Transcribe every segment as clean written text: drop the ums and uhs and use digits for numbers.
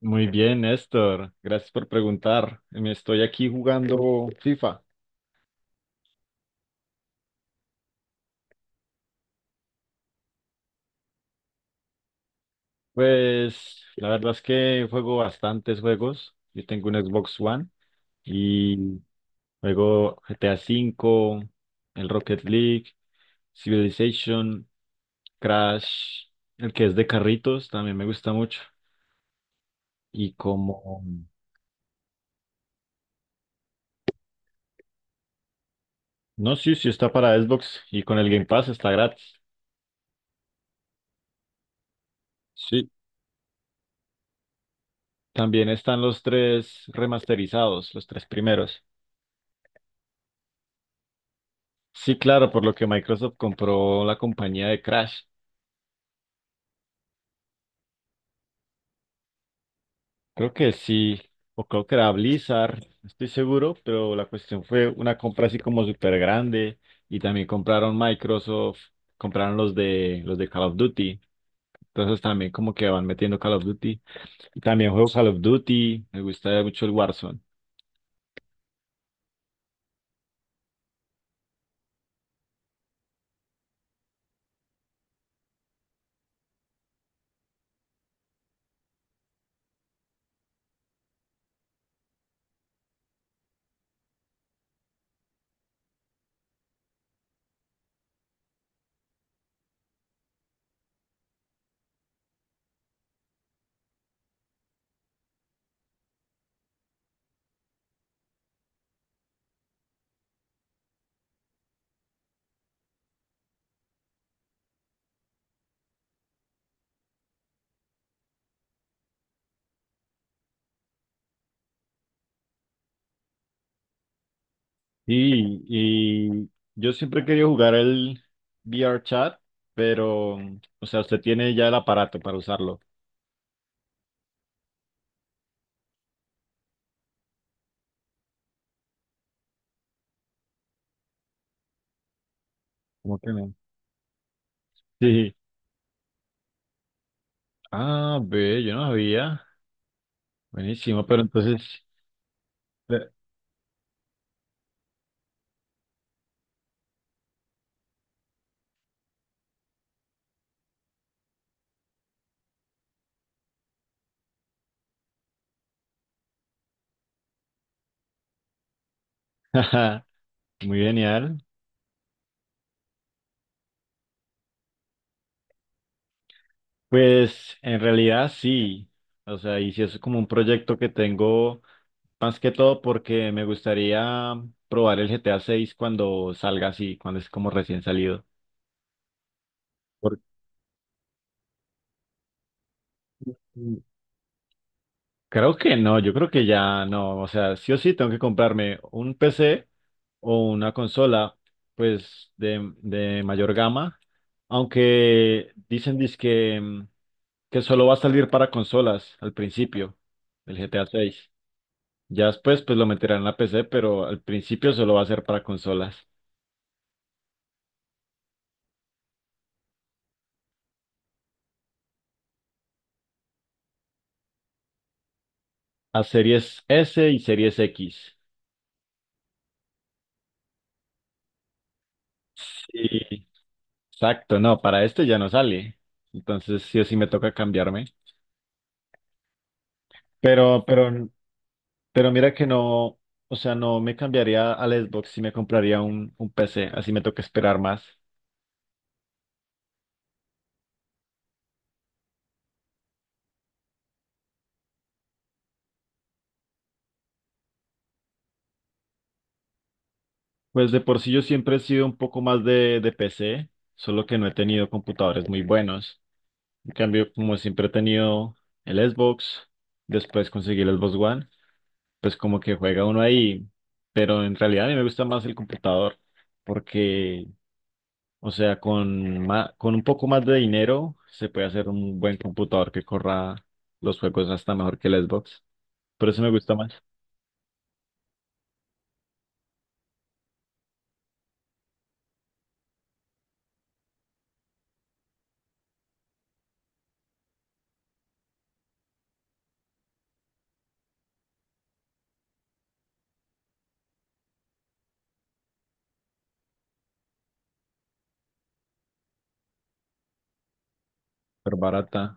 Muy bien, Néstor. Gracias por preguntar. Me estoy aquí jugando FIFA. Pues la verdad es que juego bastantes juegos. Yo tengo un Xbox One y juego GTA 5, el Rocket League, Civilization, Crash, el que es de carritos, también me gusta mucho. Y como... No, sí, sí está para Xbox y con el Game Pass está gratis. Sí. También están los tres remasterizados, los tres primeros. Sí, claro, por lo que Microsoft compró la compañía de Crash. Creo que sí, o creo que era Blizzard, no estoy seguro, pero la cuestión fue una compra así como súper grande y también compraron Microsoft, compraron los de Call of Duty. Entonces también como que van metiendo Call of Duty. Y también juego Call of Duty, me gusta mucho el Warzone. Sí, y yo siempre he querido jugar el VRChat, pero, o sea, usted tiene ya el aparato para usarlo. ¿Cómo que no? Sí. Ah, ve, yo no sabía. Buenísimo, pero entonces, eh, muy genial. Pues en realidad sí. O sea, y si es como un proyecto que tengo más que todo porque me gustaría probar el GTA 6 cuando salga así, cuando es como recién salido. Por- mm, Creo que no, yo creo que ya no. O sea, sí o sí tengo que comprarme un PC o una consola, pues de mayor gama. Aunque dicen que solo va a salir para consolas al principio, el GTA 6. Ya después pues lo meterán en la PC, pero al principio solo va a ser para consolas. A Series S y Series X. Sí, exacto, no, para este ya no sale. Entonces sí o sí me toca cambiarme. Pero, pero, pero mira que no, o sea, no me cambiaría al Xbox si me compraría un PC, así me toca esperar más. Pues de por sí yo siempre he sido un poco más de PC, solo que no he tenido computadores muy buenos. En cambio, como siempre he tenido el Xbox, después conseguí el Xbox One, pues como que juega uno ahí, pero en realidad a mí me gusta más el computador, porque, o sea, con con un poco más de dinero se puede hacer un buen computador que corra los juegos hasta mejor que el Xbox. Por eso me gusta más, pero barata,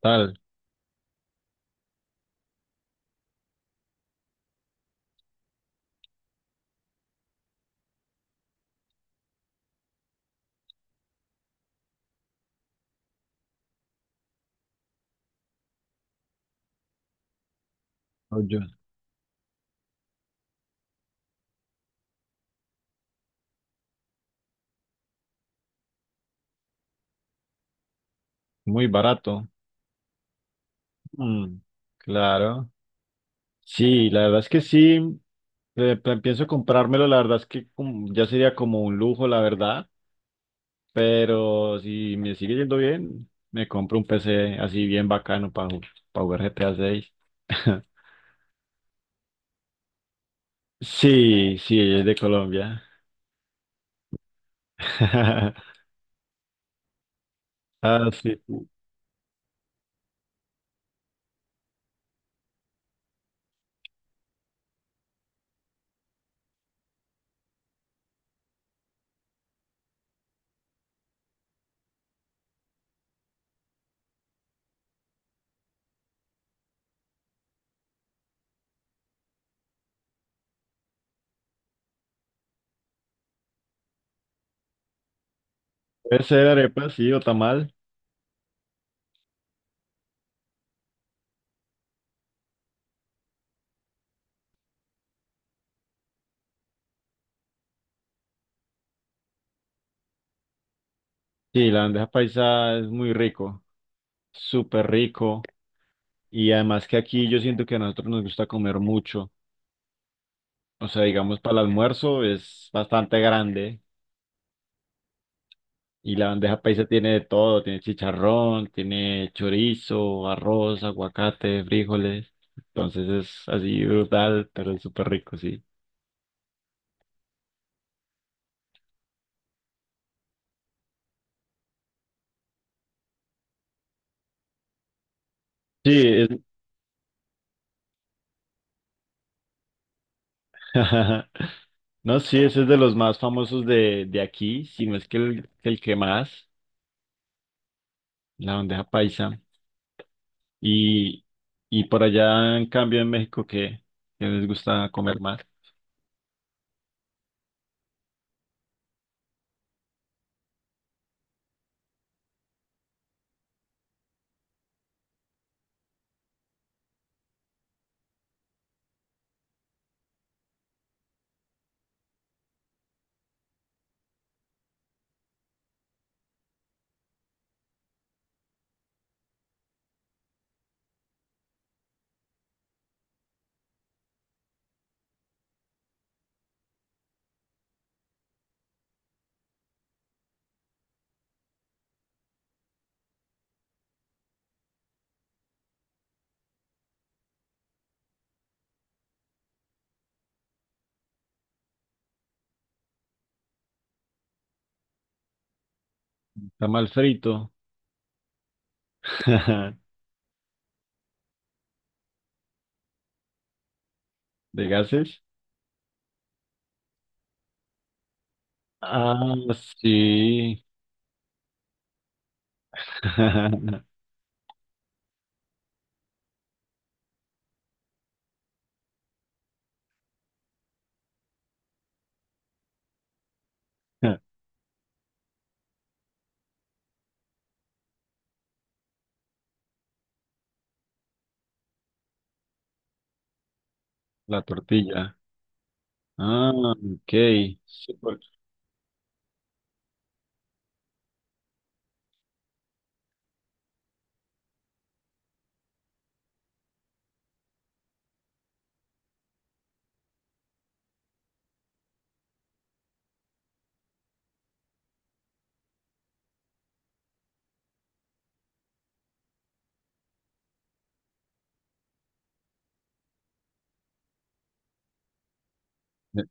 tal, oye, muy barato. Mm, claro. Sí, la verdad es que sí. Pienso comprármelo, la verdad es que ya sería como un lujo, la verdad, pero si me sigue yendo bien, me compro un PC así bien bacano para jugar GTA 6. Sí, sí, ella es de Colombia. Ah, sí. Puede ser arepa, sí, o tamal. Sí, la bandeja paisa es muy rico, súper rico. Y además que aquí yo siento que a nosotros nos gusta comer mucho. O sea, digamos, para el almuerzo es bastante grande. Y la bandeja paisa tiene de todo, tiene chicharrón, tiene chorizo, arroz, aguacate, frijoles. Entonces es así brutal, pero es súper rico, sí. Sí, es... no, sí, ese es de los más famosos de, aquí, si no es que el que más, la bandeja paisa. Y, y por allá, en cambio, en México, ¿qué? ¿Qué les gusta comer más? Tamal frito, de gases. Ah, sí. La tortilla. Ah, ok. Súper. Me,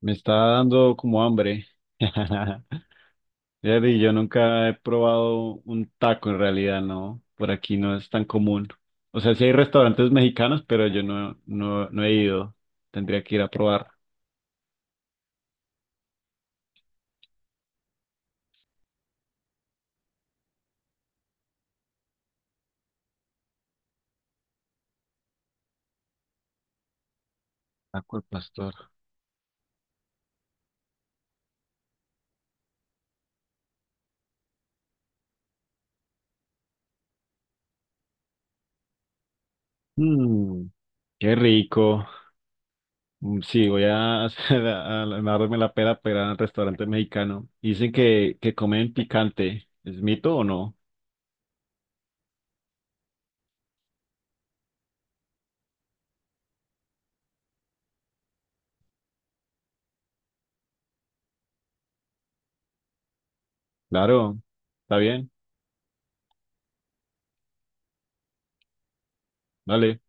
me está dando como hambre. Fíjate, y yo nunca he probado un taco en realidad, ¿no? Por aquí no es tan común. O sea, sí hay restaurantes mexicanos, pero yo no, no, no he ido. Tendría que ir a probar. Taco al pastor. Mm, qué rico. Mm, sí, voy a hacer a darme la pera para ir al restaurante mexicano. Dicen que comen picante. ¿Es mito o no? Claro. Está bien. Vale.